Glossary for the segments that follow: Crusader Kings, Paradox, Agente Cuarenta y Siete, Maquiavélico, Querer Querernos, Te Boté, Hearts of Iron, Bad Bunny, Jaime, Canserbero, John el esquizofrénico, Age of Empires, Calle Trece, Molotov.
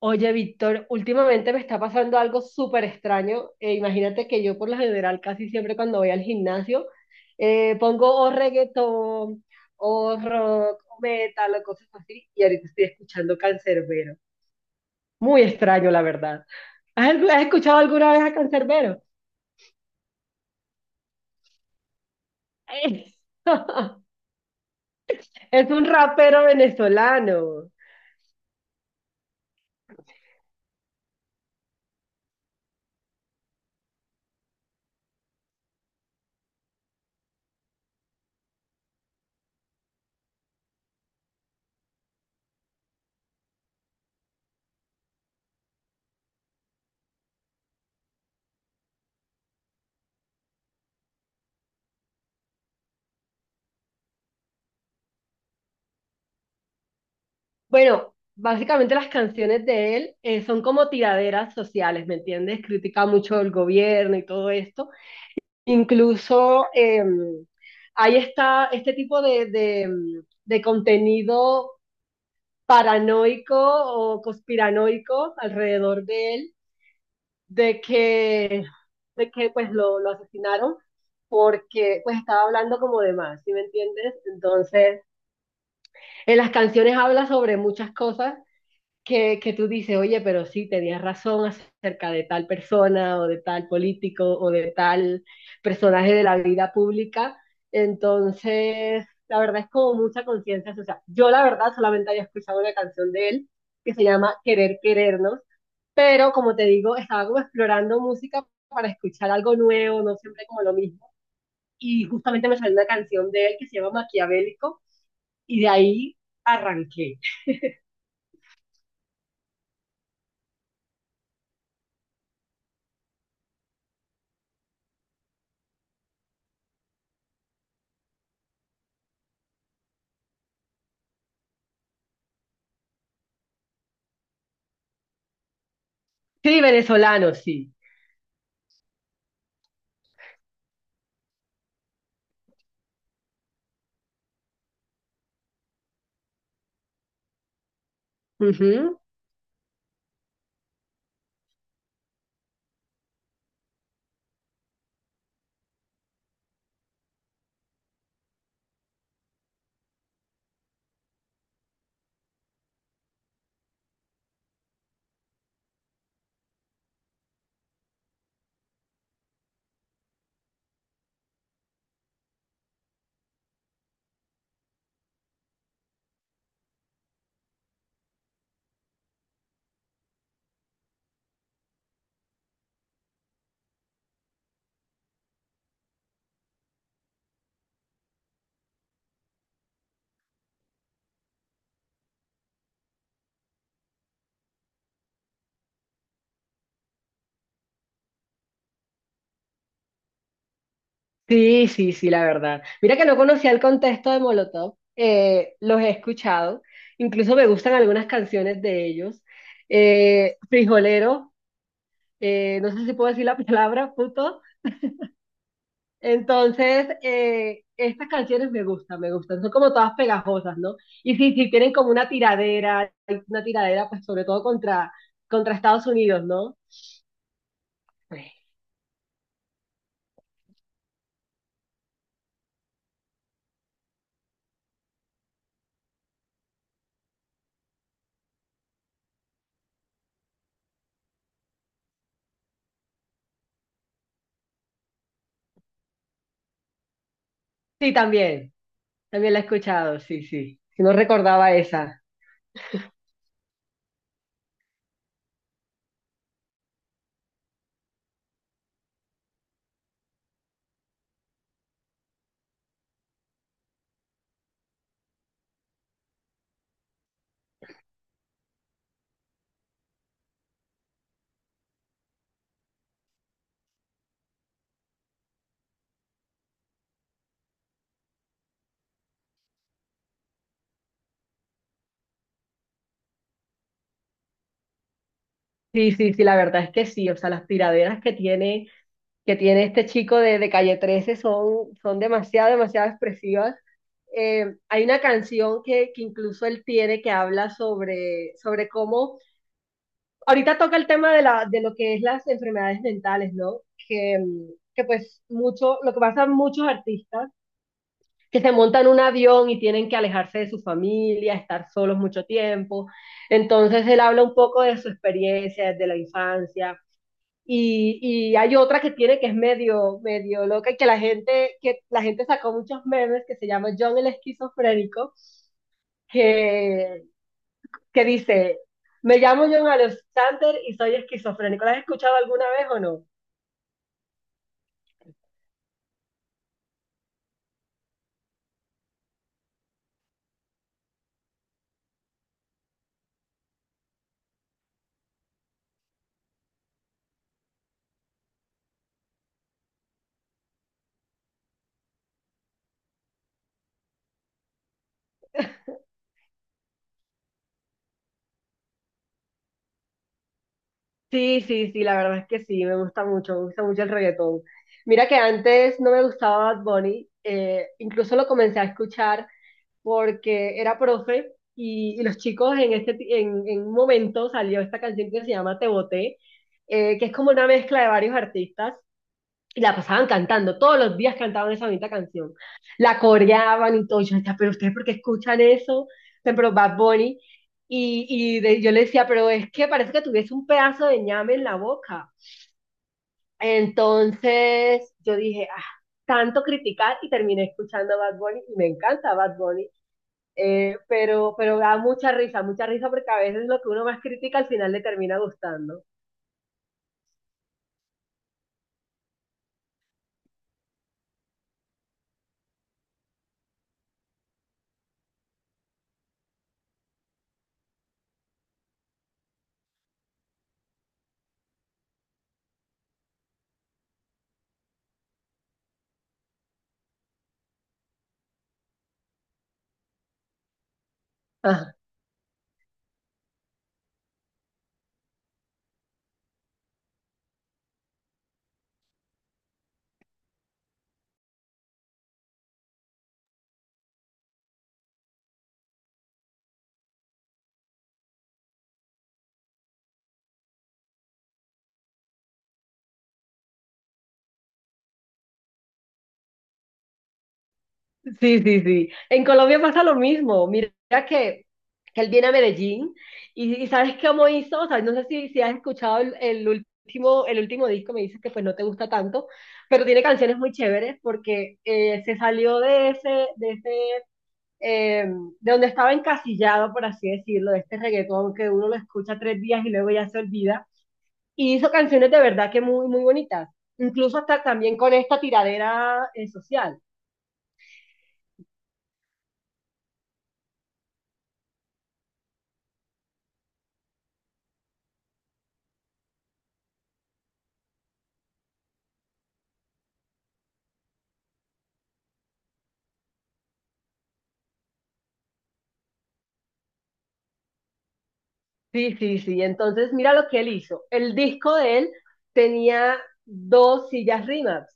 Oye, Víctor, últimamente me está pasando algo súper extraño. Imagínate que yo por lo general casi siempre cuando voy al gimnasio pongo o reggaetón o rock o metal o cosas así, y ahorita estoy escuchando Canserbero. Muy extraño, la verdad. ¿Has escuchado alguna vez a Canserbero? Es un rapero venezolano. Bueno, básicamente las canciones de él son como tiraderas sociales, ¿me entiendes? Critica mucho el gobierno y todo esto. Incluso hay este tipo de contenido paranoico o conspiranoico alrededor de él, de que, de que pues lo asesinaron porque pues estaba hablando como de más, ¿sí me entiendes? Entonces, en las canciones habla sobre muchas cosas que tú dices, oye, pero sí, tenías razón acerca de tal persona o de tal político o de tal personaje de la vida pública. Entonces, la verdad es como mucha conciencia social. Yo la verdad solamente había escuchado una canción de él que se llama Querer Querernos, pero como te digo, estaba como explorando música para escuchar algo nuevo, no siempre como lo mismo. Y justamente me salió una canción de él que se llama Maquiavélico y de ahí arranqué. Sí, venezolano, sí. Ujú. Sí, sí, sí, la verdad. Mira que no conocía el contexto de Molotov, los he escuchado, incluso me gustan algunas canciones de ellos. Frijolero, no sé si puedo decir la palabra, puto. Entonces, estas canciones me gustan, son como todas pegajosas, ¿no? Y sí, sí, tienen como una tiradera pues sobre todo contra Estados Unidos, ¿no? Sí, también, también la he escuchado, sí, sí, si no recordaba esa. Sí, sí, sí, la verdad es que sí, o sea, las tiraderas que tiene, este chico de Calle 13 son, son demasiado, demasiado expresivas. Hay una canción que incluso él tiene, que habla sobre cómo, ahorita toca el tema de lo que es las enfermedades mentales, ¿no? Que, mm, que pues mucho, lo que pasa a muchos artistas, que se montan en un avión y tienen que alejarse de su familia, estar solos mucho tiempo. Entonces él habla un poco de su experiencia de la infancia, y, y hay otra que tiene, que es medio, medio loca, y que la gente sacó muchos memes, que se llama John el esquizofrénico, que, que dice, me llamo John Alexander y soy esquizofrénico. ¿La has escuchado alguna vez o no? Sí, sí, sí, la verdad es que sí, me gusta mucho el reggaetón. Mira que antes no me gustaba Bad Bunny, incluso lo comencé a escuchar porque era profe y los chicos en, este, ti- en un momento salió esta canción que se llama Te Boté, que es como una mezcla de varios artistas, y la pasaban cantando, todos los días cantaban esa bonita canción, la coreaban y todo. Yo decía, pero ustedes, ¿por qué escuchan eso? O sea, pero Bad Bunny, y yo le decía, pero es que parece que tuviese un pedazo de ñame en la boca. Entonces yo dije, ah, tanto criticar y terminé escuchando Bad Bunny, y me encanta Bad Bunny, pero, da mucha risa, mucha risa, porque a veces lo que uno más critica al final le termina gustando. Ah, sí, sí, sí. En Colombia pasa lo mismo. Mira que, que él viene a Medellín, y ¿sabes cómo hizo? O sea, no sé si has escuchado el, el último disco. Me dices que pues no te gusta tanto, pero tiene canciones muy chéveres porque se salió de ese, de ese, eh, de donde estaba encasillado, por así decirlo, de este reggaetón que uno lo escucha 3 días y luego ya se olvida, y hizo canciones de verdad que muy, muy bonitas, incluso hasta también con esta tiradera social. Sí, sí, sí, entonces mira lo que él hizo. El disco de él tenía dos sillas rimas.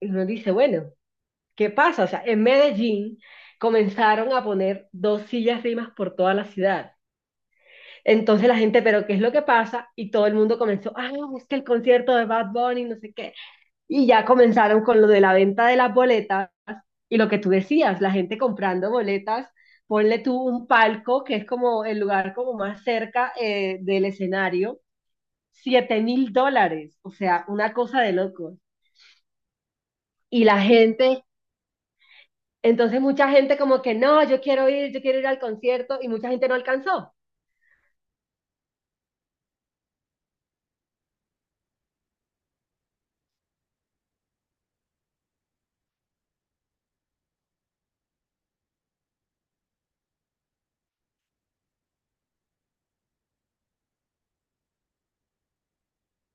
Y uno dice, bueno, ¿qué pasa? O sea, en Medellín comenzaron a poner dos sillas rimas por toda la ciudad. Entonces la gente, pero ¿qué es lo que pasa? Y todo el mundo comenzó, ah, es que el concierto de Bad Bunny, no sé qué. Y ya comenzaron con lo de la venta de las boletas, y lo que tú decías, la gente comprando boletas, ponle tú un palco, que es como el lugar como más cerca del escenario, 7.000 dólares, o sea, una cosa de locos. Y la gente, entonces mucha gente como que no, yo quiero ir al concierto, y mucha gente no alcanzó.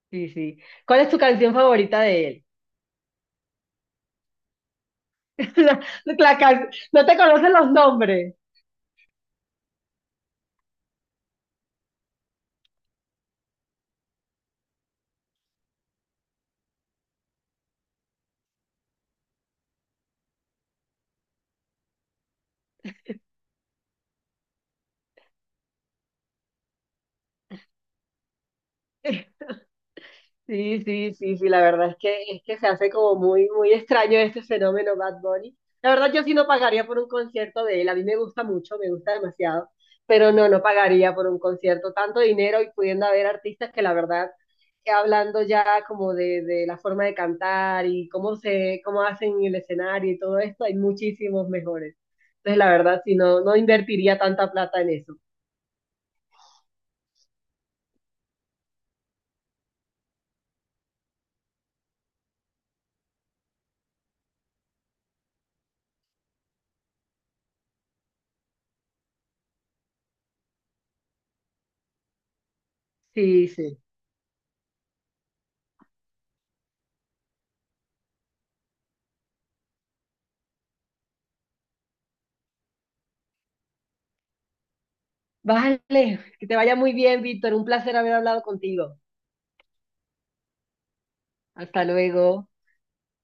Sí, sí. ¿Cuál es tu canción favorita de él? La- no te conocen los nombres. Sí, sí, sí, sí, la verdad es que, se hace como muy, muy extraño este fenómeno Bad Bunny. La verdad yo sí no pagaría por un concierto de él, a mí me gusta mucho, me gusta demasiado, pero no, no pagaría por un concierto tanto dinero, y pudiendo haber artistas que la verdad, hablando ya como de la forma de cantar y cómo hacen el escenario y todo esto, hay muchísimos mejores. Entonces la verdad sí, no, no invertiría tanta plata en eso. Sí, sí. Vale, que te vaya muy bien, Víctor, un placer haber hablado contigo. Hasta luego.